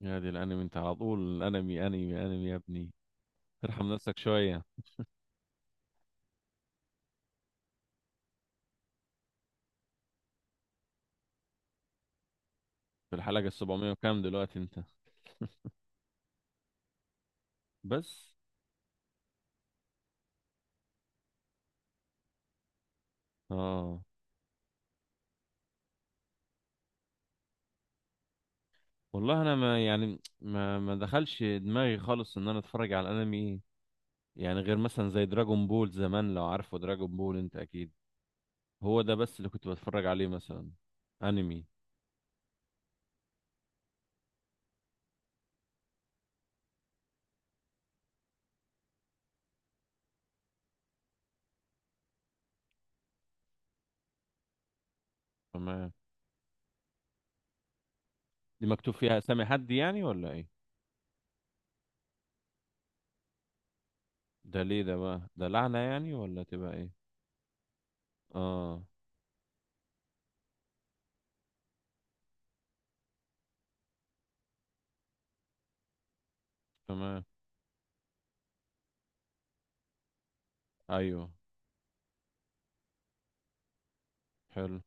يا دي الانمي، انت على طول انمي انمي انمي يا ابني. ترحم نفسك شويه. في الحلقه السبعمية وكام دلوقتي انت؟ بس. اه والله، انا ما يعني ما دخلش دماغي خالص ان انا اتفرج على الانمي. يعني غير مثلا زي دراجون بول زمان، لو عارفه دراجون بول انت اكيد. هو ده بس اللي كنت بتفرج عليه، مثلا انمي. تمام. دي مكتوب فيها اسامي حد يعني ولا ايه؟ ده ليه ده بقى؟ ده لعنه يعني ولا تبقى ايه؟ اه. تمام. ايوه. حلو.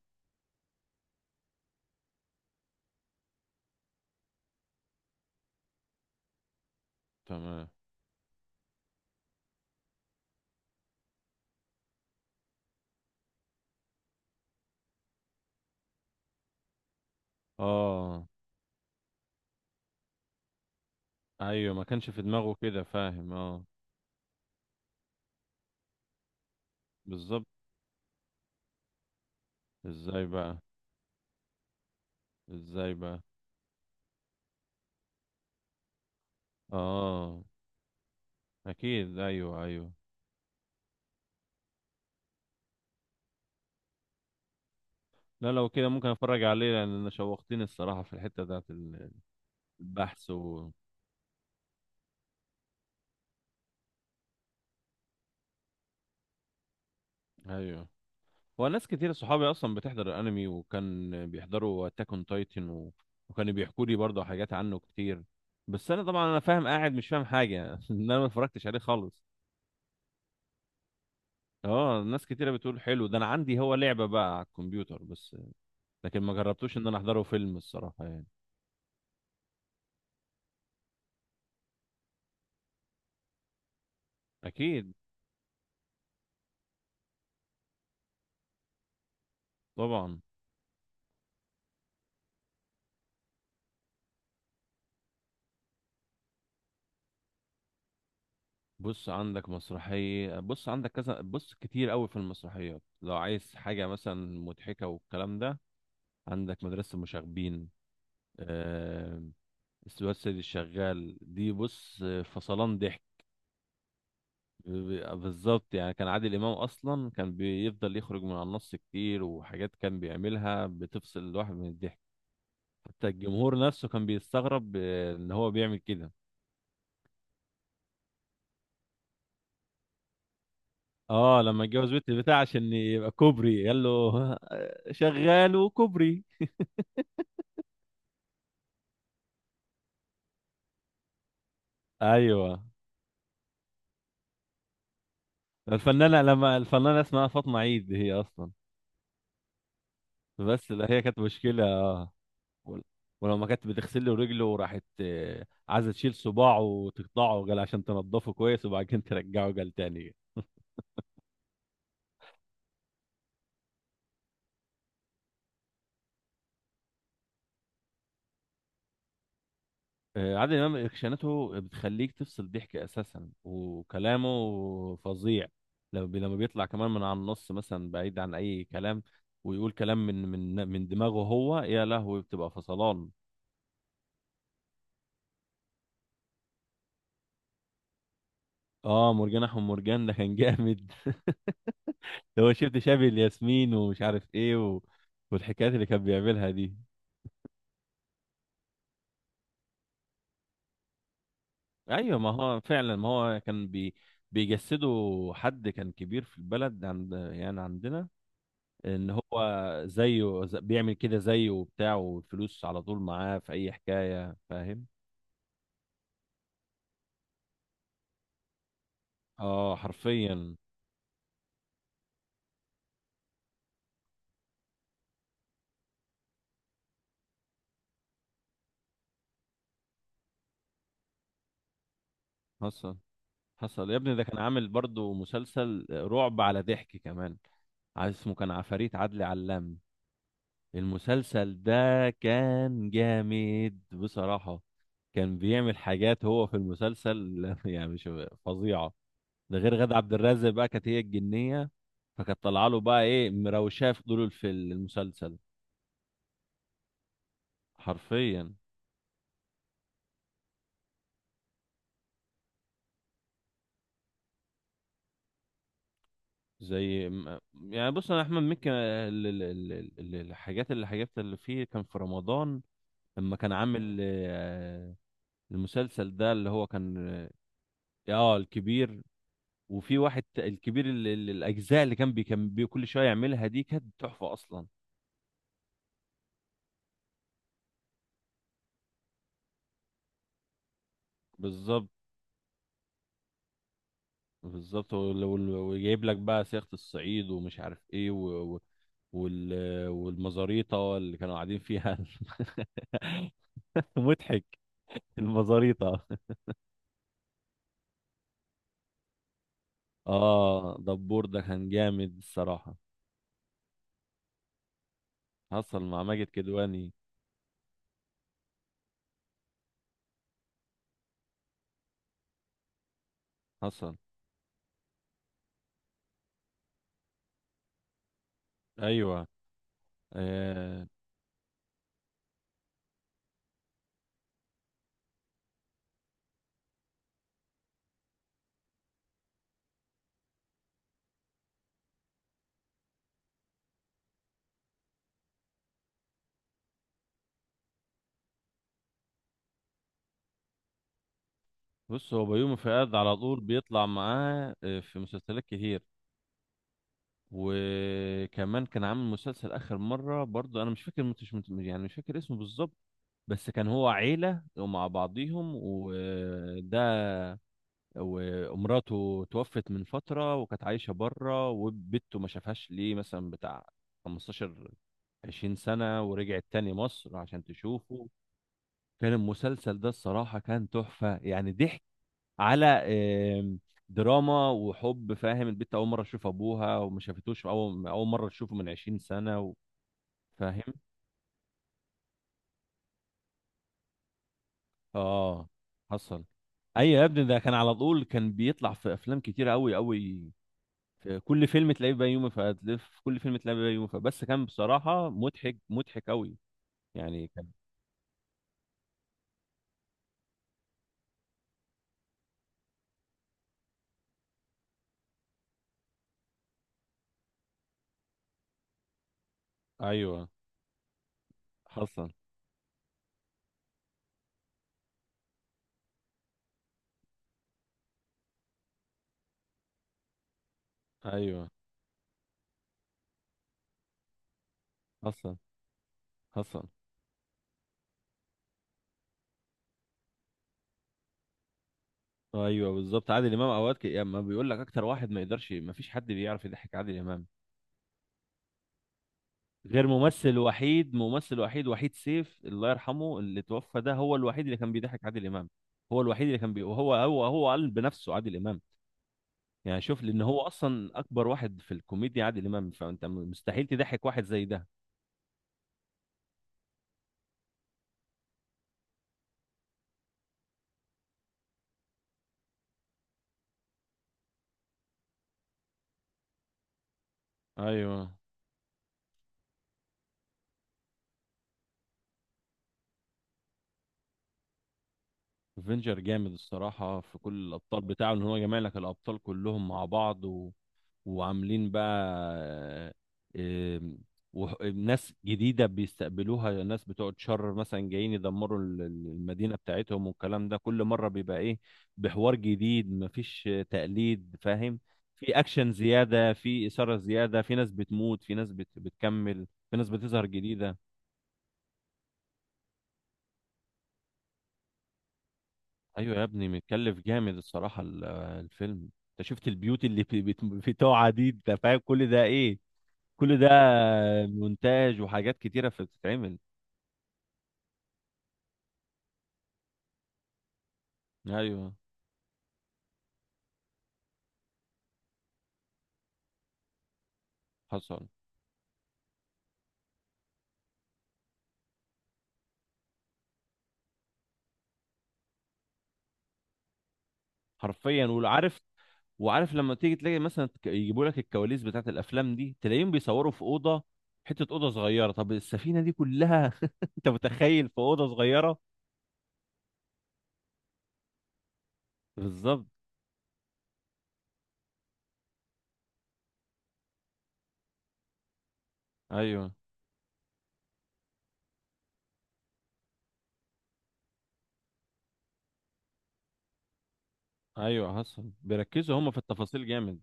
تمام. اه، ايوه، ما كانش في دماغه كده، فاهم؟ اه، بالظبط. ازاي بقى؟ ازاي بقى؟ اه، اكيد. ايوه، ايوه. لا، لو كده ممكن اتفرج عليه، لان انا شوقتني الصراحه في الحته بتاعت البحث. و... ايوه. هو ناس كتير صحابي اصلا بتحضر الانمي، وكان بيحضروا اتاك اون تايتن. و... وكانوا بيحكوا لي برضه حاجات عنه كتير. بس انا طبعا انا فاهم قاعد مش فاهم حاجه ان انا ما اتفرجتش عليه خالص. اه، ناس كتيره بتقول حلو ده. انا عندي هو لعبه بقى على الكمبيوتر بس. لكن ما جربتوش ان انا احضره فيلم الصراحه يعني. اكيد، طبعا. بص عندك مسرحيه، بص عندك كذا، بص كتير قوي في المسرحيات لو عايز حاجه مثلا مضحكه والكلام ده. عندك مدرسه المشاغبين. آه... الواد سيد الشغال دي، بص فصلان ضحك. بالظبط، يعني كان عادل امام اصلا كان بيفضل يخرج من على النص كتير، وحاجات كان بيعملها بتفصل الواحد من الضحك. حتى الجمهور نفسه كان بيستغرب، ان هو بيعمل كده. اه، لما اتجوز بنت البتاع عشان يبقى كوبري، قال له شغال وكوبري. ايوه، الفنانه اسمها فاطمه عيد هي اصلا. بس لا، هي كانت مشكله. ول- ولما كانت بتغسل له رجله، وراحت عايزه تشيل صباعه وتقطعه، قال عشان تنضفه كويس وبعد كده ترجعه، قال تاني. عادل امام رياكشناته بتخليك تفصل ضحك اساسا، وكلامه فظيع. لما بيطلع كمان من على النص مثلا، بعيد عن اي كلام، ويقول كلام من دماغه هو، يا لهوي بتبقى فصلان. اه، مرجان احمد مرجان ده كان جامد ده هو شفت شبه الياسمين ومش عارف ايه، و... والحكايات اللي كان بيعملها دي. ايوه، ما هو فعلا، ما هو كان بيجسده. حد كان كبير في البلد، يعني عندنا، ان هو زيه، بيعمل كده زيه وبتاع، والفلوس على طول معاه في اي حكاية، فاهم. اه، حرفيا. حصل، حصل يا ابني، ده كان عامل برضو مسلسل رعب على ضحك كمان. عايز اسمه، كان عفاريت عدلي علام. المسلسل ده كان جامد بصراحة. كان بيعمل حاجات هو في المسلسل يعني مش فظيعة. ده غير غادة عبد الرازق، بقى كانت هي الجنية. فكانت طالعة له بقى ايه، مروشاه في دور في المسلسل. حرفيا. زي ما- يعني بص، انا احمد مكي، الحاجات اللي فيه كان في رمضان. لما كان عامل المسلسل ده اللي هو كان. اه، الكبير. وفي واحد، الكبير، الاجزاء اللي كان بي كان بي كل شويه يعملها دي، كانت تحفه اصلا. بالظبط، بالظبط. وجايب لك بقى صياغه الصعيد، ومش عارف ايه، وال... والمزاريطه اللي كانوا قاعدين فيها مضحك. المزاريطه. اه، دبور ده كان جامد الصراحة. حصل مع ماجد كدواني. حصل. ايوه. آه بص، هو بيومي فؤاد على طول بيطلع معاه، في مسلسلات كتير. وكمان كان عامل مسلسل اخر مرة برضو، انا مش فاكر، مش مت- يعني مش فاكر اسمه بالظبط. بس كان هو عيلة ومع بعضيهم وده. ومراته توفت من فترة، وكانت عايشة بره، وبنته ما شافهاش ليه مثلا بتاع 15 20 سنة، ورجعت تاني مصر عشان تشوفه. كان المسلسل ده الصراحة كان تحفة، يعني ضحك على آم، دراما وحب، فاهم. البنت أول مرة تشوف أبوها، وما شافتوش. أول أول مرة تشوفه من 20 سنة و. فاهم. آه، حصل. أيوة يا ابني، ده كان على طول كان بيطلع في أفلام كتير أوي أوي. في كل فيلم تلاقيه بيومي فؤاد لف، في كل فيلم تلاقيه بيومي فؤاد، بس كان بصراحة مضحك مضحك قوي. يعني كان. ايوه، حصل. ايوه، حصل. حصل. ايوه، بالظبط. عادل امام اوقات، يعني ما بيقول لك، اكتر واحد ما يقدرش، ما فيش حد بيعرف يضحك عادل امام. غير ممثل وحيد، ممثل وحيد، وحيد سيف الله يرحمه اللي توفى، ده هو الوحيد اللي كان بيضحك عادل امام. هو الوحيد اللي كان وهو هو هو قال بنفسه عادل امام. يعني شوف، لان هو اصلا اكبر واحد في الكوميديا عادل امام، فانت مستحيل تضحك واحد زي ده. ايوه. افنجر جامد الصراحه في كل الابطال بتاعه، ان هو جمع لك الابطال كلهم مع بعض و. وعاملين بقى آه، آم، ناس جديده بيستقبلوها، ناس بتوع شر مثلا جايين يدمروا المدينه بتاعتهم والكلام ده، كل مره بيبقى ايه، بحوار جديد، مفيش تقليد، فاهم. في اكشن زياده، في اثاره زياده، في ناس بتموت، في ناس بتكمل، في ناس بتظهر جديده. ايوه يا ابني، متكلف جامد الصراحه الفيلم. انت شفت البيوت اللي في بتوعها دي، انت فاهم كل ده ايه؟ كل ده مونتاج وحاجات كتيره بتتعمل. ايوه، حصل حرفيا. وعارف، وعارف لما تيجي تلاقي مثلا، يجيبوا لك الكواليس بتاعت الافلام دي، تلاقيهم بيصوروا في اوضه، حته اوضه صغيره. طب السفينه دي كلها انت متخيل في اوضه صغيره؟ بالظبط. ايوه، ايوه، حصل. بيركزوا هم في التفاصيل جامد.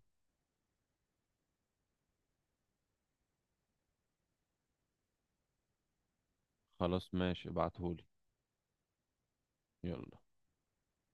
خلاص، ماشي، ابعتهولي. يلا.